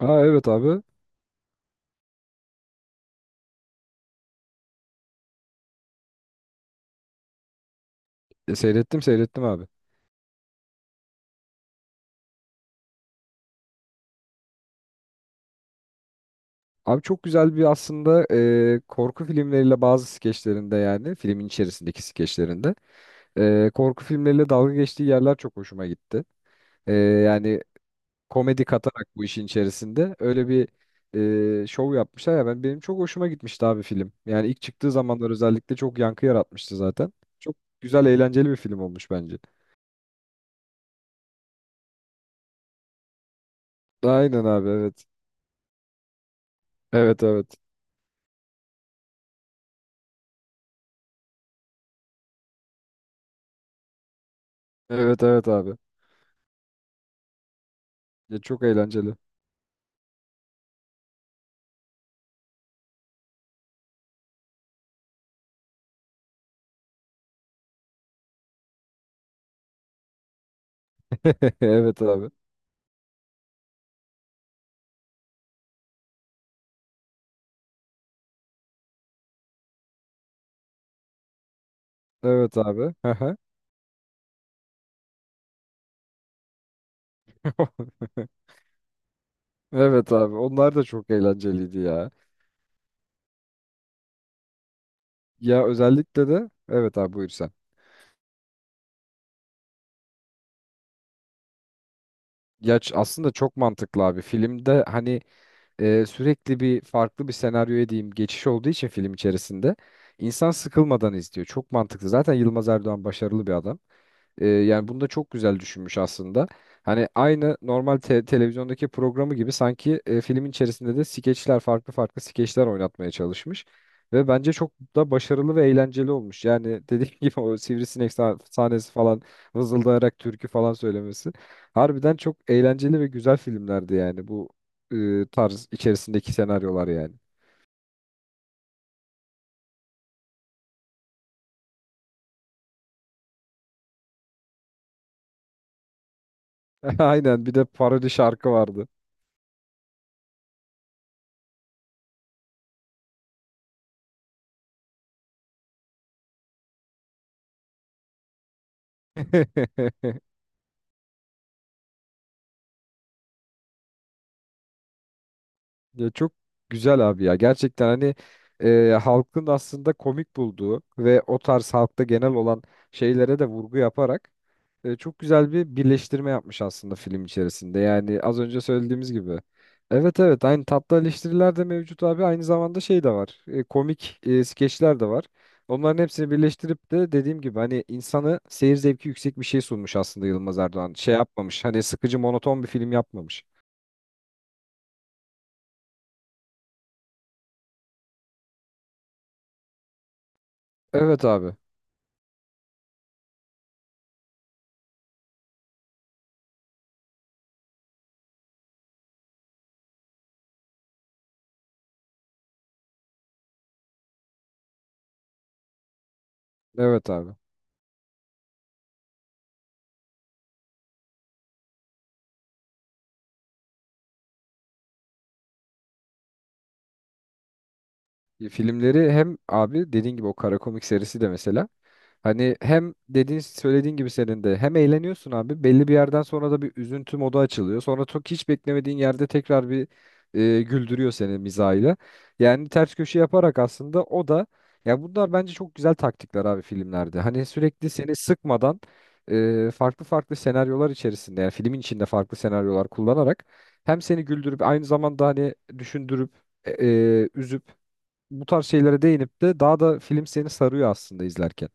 Aa evet abi. Seyrettim seyrettim abi. Abi çok güzel bir aslında korku filmleriyle bazı skeçlerinde yani filmin içerisindeki skeçlerinde korku filmleriyle dalga geçtiği yerler çok hoşuma gitti. Yani komedi katarak bu işin içerisinde öyle bir şov yapmışlar ya benim çok hoşuma gitmişti abi film. Yani ilk çıktığı zamanlar özellikle çok yankı yaratmıştı zaten. Çok güzel eğlenceli bir film olmuş bence. Aynen abi, evet. Evet, evet. Evet, evet abi. Ya çok eğlenceli. Evet abi. Evet abi. Hı hı. Evet abi. Onlar da çok eğlenceliydi ya. Ya özellikle de evet abi, buyur sen. Ya aslında çok mantıklı abi. Filmde hani sürekli bir farklı bir senaryoya diyeyim geçiş olduğu için film içerisinde insan sıkılmadan izliyor. Çok mantıklı. Zaten Yılmaz Erdoğan başarılı bir adam. Yani bunu da çok güzel düşünmüş aslında. Hani aynı normal televizyondaki programı gibi sanki filmin içerisinde de skeçler farklı farklı skeçler oynatmaya çalışmış. Ve bence çok da başarılı ve eğlenceli olmuş. Yani dediğim gibi o sivrisinek sahnesi falan vızıldayarak türkü falan söylemesi. Harbiden çok eğlenceli ve güzel filmlerdi yani bu tarz içerisindeki senaryolar yani. Aynen, bir de parodi şarkı vardı. Ya çok güzel abi ya. Gerçekten hani halkın aslında komik bulduğu ve o tarz halkta genel olan şeylere de vurgu yaparak çok güzel bir birleştirme yapmış aslında film içerisinde. Yani az önce söylediğimiz gibi. Evet, evet aynı tatlı eleştiriler de mevcut abi. Aynı zamanda şey de var. Komik skeçler de var. Onların hepsini birleştirip de dediğim gibi hani insanı seyir zevki yüksek bir şey sunmuş aslında Yılmaz Erdoğan. Şey yapmamış. Hani sıkıcı monoton bir film yapmamış. Evet abi. Evet abi. Filmleri hem abi dediğin gibi o kara komik serisi de mesela hani hem söylediğin gibi senin de hem eğleniyorsun abi belli bir yerden sonra da bir üzüntü modu açılıyor. Sonra çok hiç beklemediğin yerde tekrar bir güldürüyor seni mizahıyla. Yani ters köşe yaparak aslında o da, ya bunlar bence çok güzel taktikler abi filmlerde. Hani sürekli seni sıkmadan farklı farklı senaryolar içerisinde yani filmin içinde farklı senaryolar kullanarak hem seni güldürüp aynı zamanda hani düşündürüp üzüp bu tarz şeylere değinip de daha da film seni sarıyor aslında izlerken.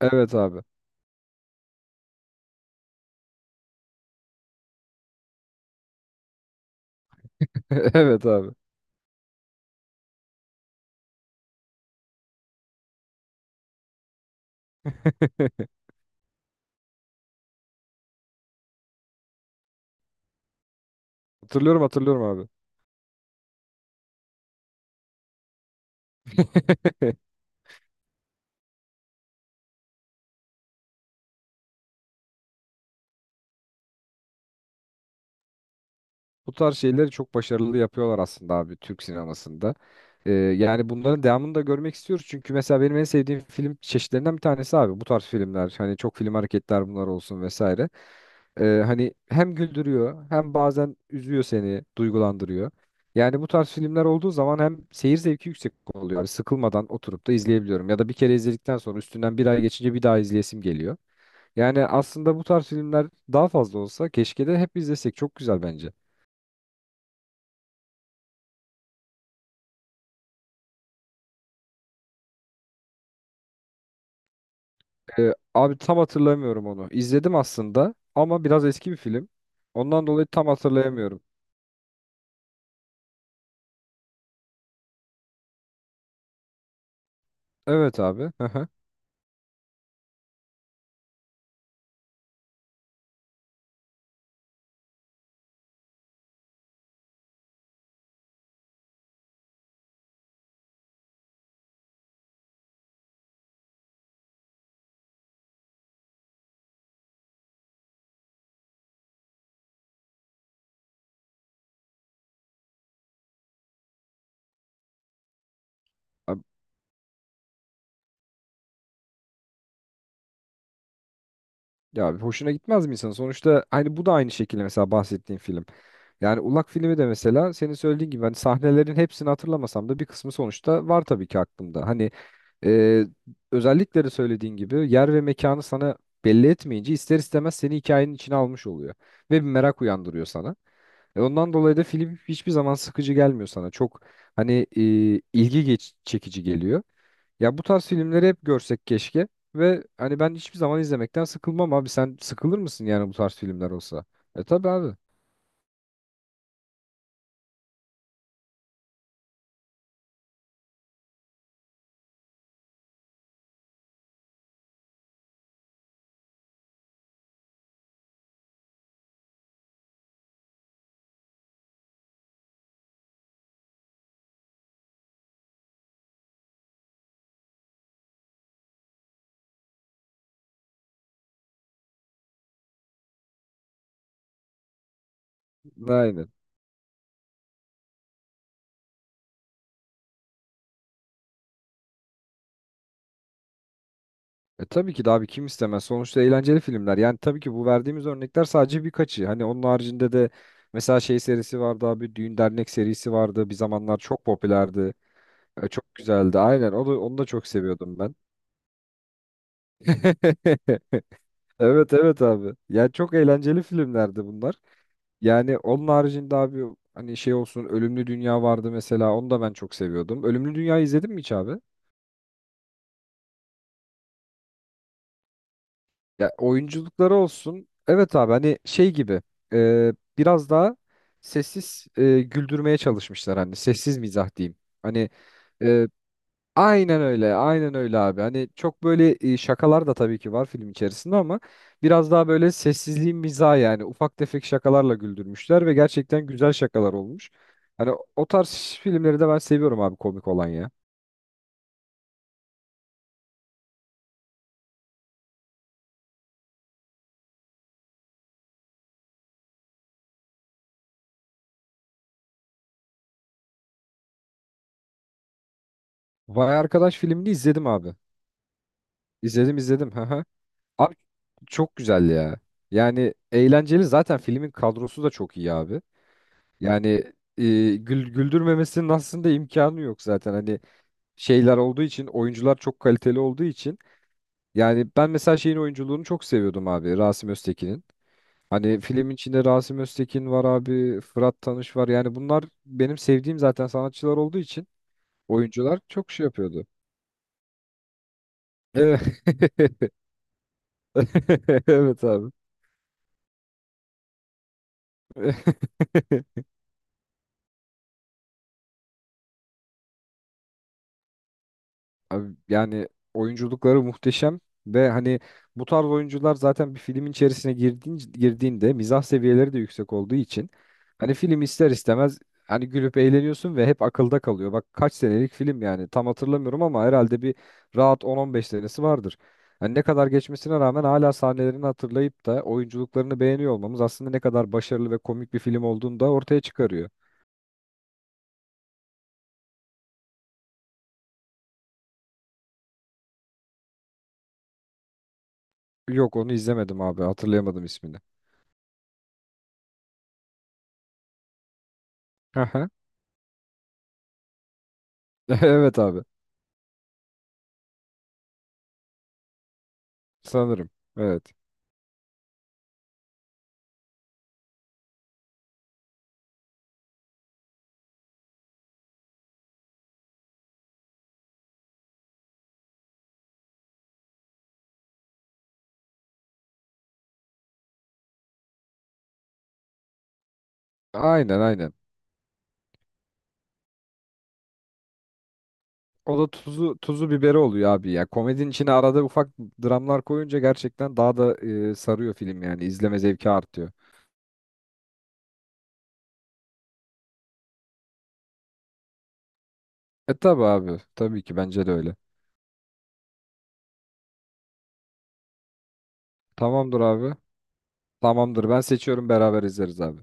Evet abi. Evet abi. Hatırlıyorum hatırlıyorum abi. Bu tarz şeyleri çok başarılı yapıyorlar aslında abi Türk sinemasında. Yani bunların devamını da görmek istiyoruz. Çünkü mesela benim en sevdiğim film çeşitlerinden bir tanesi abi bu tarz filmler. Hani çok film hareketler bunlar olsun vesaire. Hani hem güldürüyor hem bazen üzüyor seni, duygulandırıyor. Yani bu tarz filmler olduğu zaman hem seyir zevki yüksek oluyor. Abi sıkılmadan oturup da izleyebiliyorum. Ya da bir kere izledikten sonra üstünden bir ay geçince bir daha izleyesim geliyor. Yani aslında bu tarz filmler daha fazla olsa keşke de hep izlesek. Çok güzel bence. Abi tam hatırlamıyorum onu. İzledim aslında ama biraz eski bir film. Ondan dolayı tam hatırlayamıyorum. Evet abi. Hı hı. Abi- Ya abi, hoşuna gitmez mi insan? Sonuçta hani bu da aynı şekilde mesela bahsettiğin film. Yani Ulak filmi de mesela senin söylediğin gibi hani sahnelerin hepsini hatırlamasam da bir kısmı sonuçta var tabii ki aklımda. Hani Ee, özellikleri söylediğin gibi yer ve mekanı sana belli etmeyince ister istemez seni hikayenin içine almış oluyor ve bir merak uyandırıyor sana. Ondan dolayı da film hiçbir zaman sıkıcı gelmiyor sana. Çok hani çekici geliyor. Ya bu tarz filmleri hep görsek keşke ve hani ben hiçbir zaman izlemekten sıkılmam abi. Sen sıkılır mısın yani bu tarz filmler olsa? E tabii abi. Aynen. E tabii ki de abi, kim istemez. Sonuçta eğlenceli filmler. Yani tabii ki bu verdiğimiz örnekler sadece birkaçı. Hani onun haricinde de mesela şey serisi vardı abi. Düğün Dernek serisi vardı. Bir zamanlar çok popülerdi. Çok güzeldi. Aynen. Onu da çok seviyordum ben. Evet, evet abi. Yani çok eğlenceli filmlerdi bunlar. Yani onun haricinde abi hani şey olsun Ölümlü Dünya vardı mesela. Onu da ben çok seviyordum. Ölümlü Dünya'yı izledin mi hiç abi? Ya oyunculukları olsun. Evet abi hani şey gibi e, biraz daha sessiz güldürmeye çalışmışlar, hani sessiz mizah diyeyim. Hani e, aynen öyle, aynen öyle abi. Hani çok böyle şakalar da tabii ki var film içerisinde ama biraz daha böyle sessizliğin mizahı yani ufak tefek şakalarla güldürmüşler ve gerçekten güzel şakalar olmuş. Hani o tarz filmleri de ben seviyorum abi, komik olan ya. Vay Arkadaş filmini izledim abi. İzledim, izledim. Hı hı. Çok güzel ya. Yani eğlenceli, zaten filmin kadrosu da çok iyi abi. Yani güldürmemesinin aslında imkanı yok zaten. Hani şeyler olduğu için, oyuncular çok kaliteli olduğu için. Yani ben mesela şeyin oyunculuğunu çok seviyordum abi, Rasim Öztekin'in. Hani filmin içinde Rasim Öztekin var abi, Fırat Tanış var. Yani bunlar benim sevdiğim zaten sanatçılar olduğu için oyuncular çok şey yapıyordu. Evet. Evet abi. Abi yani oyunculukları muhteşem ve hani bu tarz oyuncular zaten bir filmin içerisine girdiğinde mizah seviyeleri de yüksek olduğu için hani film ister istemez hani gülüp eğleniyorsun ve hep akılda kalıyor. Bak kaç senelik film yani tam hatırlamıyorum ama herhalde bir rahat 10-15 senesi vardır. Hani ne kadar geçmesine rağmen hala sahnelerini hatırlayıp da oyunculuklarını beğeniyor olmamız aslında ne kadar başarılı ve komik bir film olduğunu da ortaya çıkarıyor. Yok, onu izlemedim abi, hatırlayamadım ismini. Aha. Evet abi. Sanırım. Evet. Aynen, aynen. O da tuzu biberi oluyor abi ya. Komedinin içine arada ufak dramlar koyunca gerçekten daha da sarıyor film yani. İzleme zevki artıyor. E tabi abi. Tabii ki bence de öyle. Tamamdır abi. Tamamdır. Ben seçiyorum, beraber izleriz abi.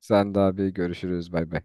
Sen de abi, görüşürüz. Bay bay.